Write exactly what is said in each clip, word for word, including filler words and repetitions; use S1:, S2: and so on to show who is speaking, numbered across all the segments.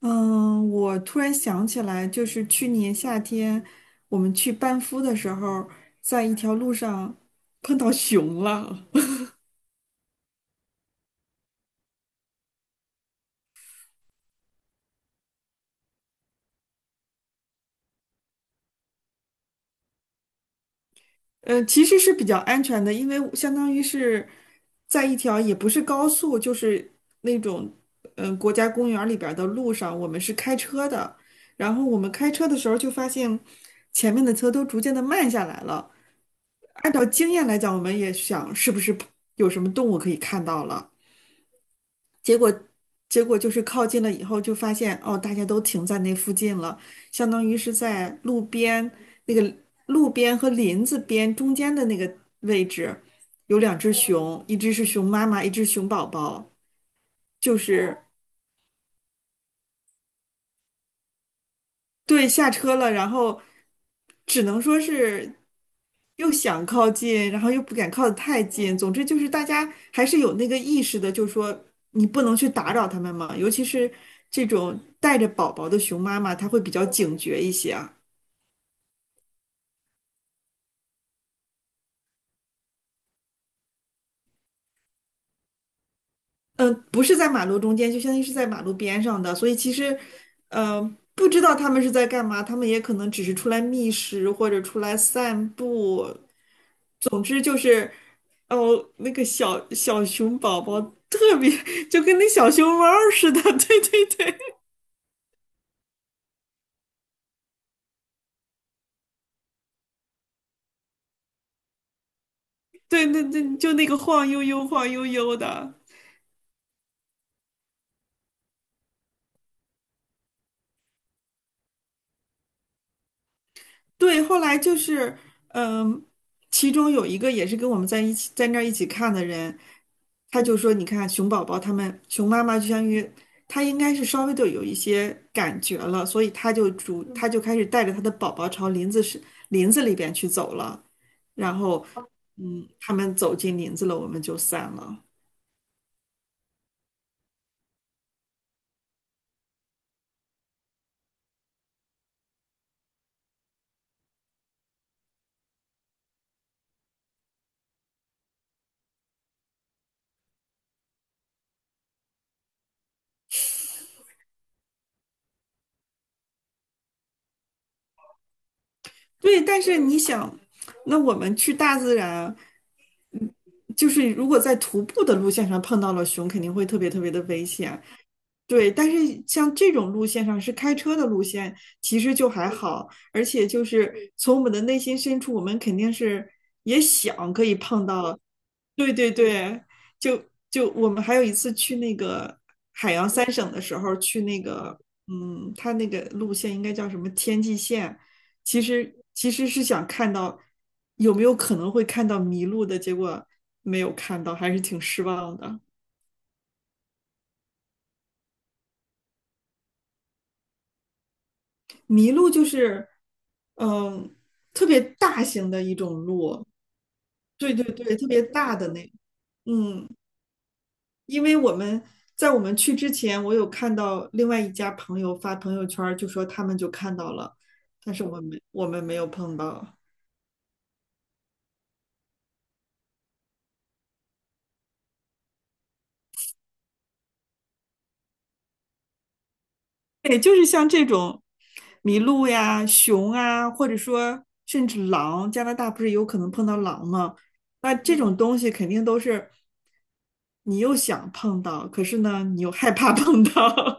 S1: 嗯，我突然想起来，就是去年夏天我们去班夫的时候，在一条路上碰到熊了。呃，其实是比较安全的，因为相当于是在一条也不是高速，就是那种嗯、呃国家公园里边儿的路上，我们是开车的。然后我们开车的时候就发现前面的车都逐渐的慢下来了。按照经验来讲，我们也想是不是有什么动物可以看到了。结果结果就是靠近了以后，就发现哦，大家都停在那附近了，相当于是在路边那个路边和林子边中间的那个位置，有两只熊，一只是熊妈妈，一只熊宝宝，就是对，下车了，然后只能说是。又想靠近，然后又不敢靠得太近。总之就是大家还是有那个意识的，就是说你不能去打扰他们嘛。尤其是这种带着宝宝的熊妈妈，她会比较警觉一些啊。嗯、呃不是在马路中间，就相当于是在马路边上的，所以其实，呃，不知道他们是在干嘛，他们也可能只是出来觅食或者出来散步。总之就是，哦，那个小小熊宝宝特别 就跟那小熊猫似的，对对对。对，那那就那个晃悠悠、晃悠悠的。对，后来就是，嗯，其中有一个也是跟我们在一起，在那儿一起看的人，他就说：“你看，熊宝宝他们，熊妈妈就相当于他应该是稍微的有一些感觉了，所以他就主，他就开始带着他的宝宝朝林子是林子里边去走了。然后，嗯，他们走进林子了，我们就散了。对，但是你想，那我们去大自然。”就是如果在徒步的路线上碰到了熊，肯定会特别特别的危险。对，但是像这种路线上是开车的路线，其实就还好，而且就是从我们的内心深处，我们肯定是也想可以碰到。对对对，就就我们还有一次去那个海洋三省的时候，去那个嗯，它那个路线应该叫什么天际线，其实其实是想看到有没有可能会看到迷路的，结果没有看到，还是挺失望的。麋鹿就是，嗯，特别大型的一种鹿，对对对，特别大的那，嗯，因为我们在我们去之前，我有看到另外一家朋友发朋友圈儿就说他们就看到了，但是我们我们没有碰到。对，就是像这种麋鹿呀、熊啊，或者说甚至狼，加拿大不是有可能碰到狼吗？那这种东西肯定都是你又想碰到，可是呢，你又害怕碰到。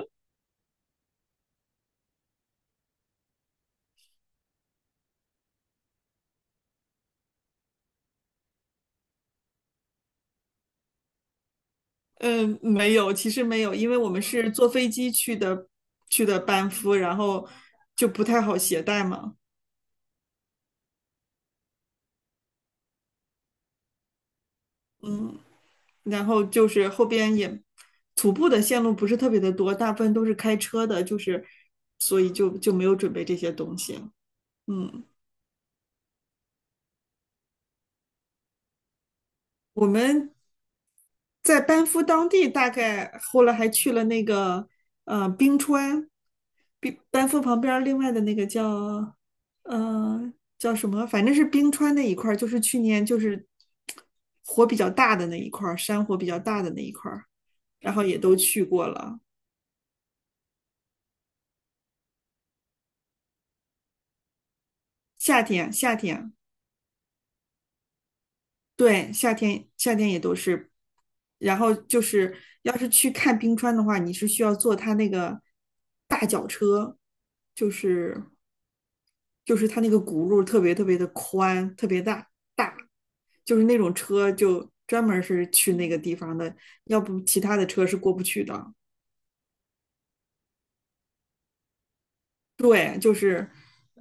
S1: 嗯，没有，其实没有，因为我们是坐飞机去的，去的班夫，然后就不太好携带嘛。然后就是后边也徒步的线路不是特别的多，大部分都是开车的，就是所以就就没有准备这些东西。嗯，我们在班夫当地，大概后来还去了那个呃冰川，冰班夫旁边儿另外的那个叫呃叫什么，反正是冰川那一块儿，就是去年就是火比较大的那一块儿，山火比较大的那一块儿，然后也都去过了。夏天，夏天。对，夏天夏天也都是，然后就是要是去看冰川的话，你是需要坐它那个大脚车，就是就是它那个轱辘特别特别的宽，特别大大，就是那种车就专门儿是去那个地方的，要不其他的车是过不去的。对，就是，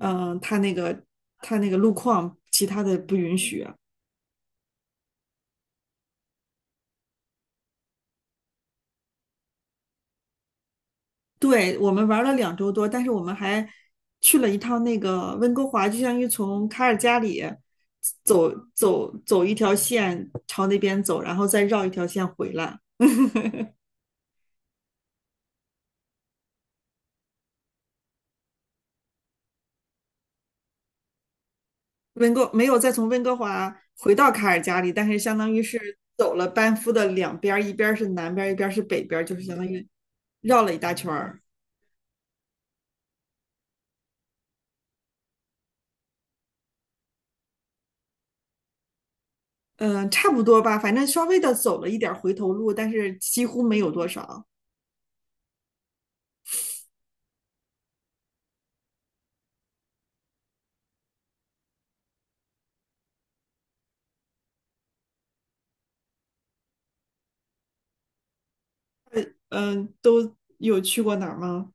S1: 嗯、它那个它那个路况其他的不允许。对，我们玩了两周多，但是我们还去了一趟那个温哥华，就相当于从卡尔加里走走走一条线朝那边走，然后再绕一条线回来。温哥没有再从温哥华回到卡尔加里，但是相当于是走了班夫的两边儿，一边儿是南边儿，一边儿是北边儿，就是相当于绕了一大圈儿。嗯，差不多吧，反正稍微的走了一点儿回头路，但是几乎没有多少。嗯，都有去过哪儿吗？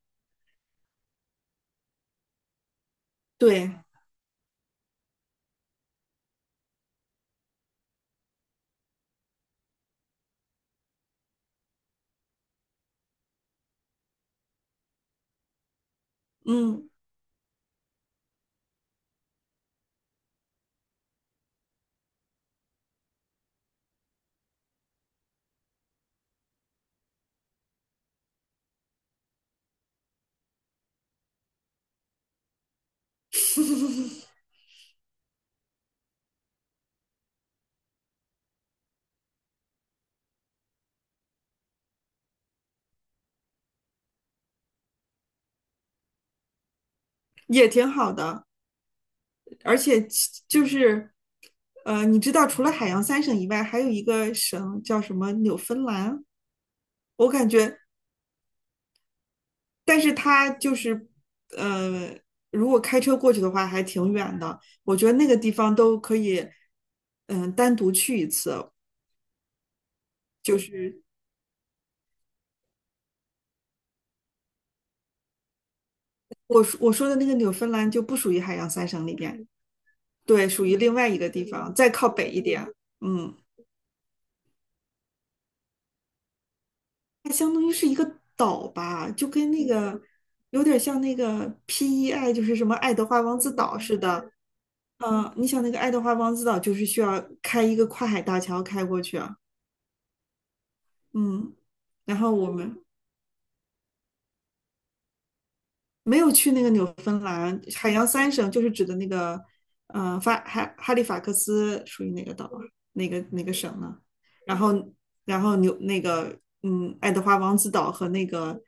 S1: 对，嗯，也挺好的，而且其就是，呃，你知道，除了海洋三省以外，还有一个省叫什么纽芬兰，我感觉，但是它就是，呃，如果开车过去的话，还挺远的。我觉得那个地方都可以，嗯、单独去一次。我说我说的那个纽芬兰就不属于海洋三省里边，对，属于另外一个地方，再靠北一点。嗯，它相当于是一个岛吧，就跟那个有点像那个 P E I，就是什么爱德华王子岛似的。嗯、你想那个爱德华王子岛就是需要开一个跨海大桥开过去啊。嗯，然后我们没有去那个纽芬兰，海洋三省就是指的那个，呃，法哈哈利法克斯属于哪个岛啊？哪个哪个省呢？然后然后纽那个嗯，爱德华王子岛和那个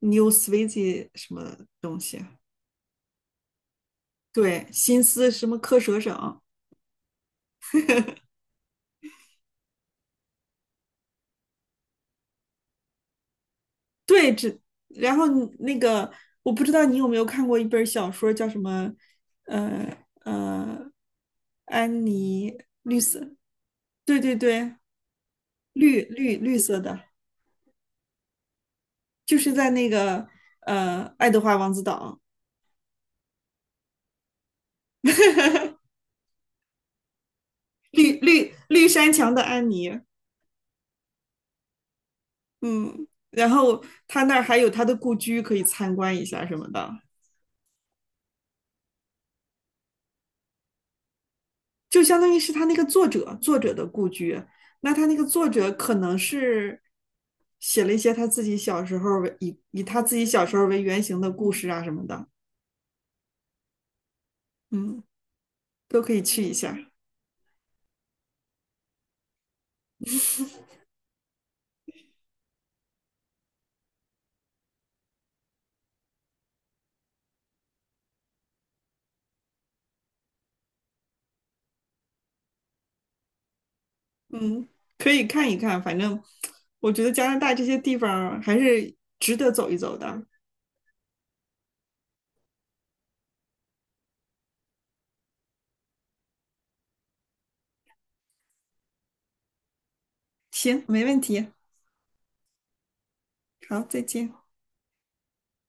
S1: New Sweden 什么东西？对，新思什么科舍省，对，只然后你那个我不知道你有没有看过一本小说叫什么，呃呃，安妮绿色，对对对，绿绿绿色的，就是在那个呃爱德华王子岛，绿绿绿山墙的安妮，嗯，然后他那儿还有他的故居可以参观一下什么的，就相当于是他那个作者作者的故居。那他那个作者可能是写了一些他自己小时候以以他自己小时候为原型的故事啊什么的，嗯，都可以去一下，嗯，可以看一看。反正我觉得加拿大这些地方还是值得走一走的。行，没问题。好，再见。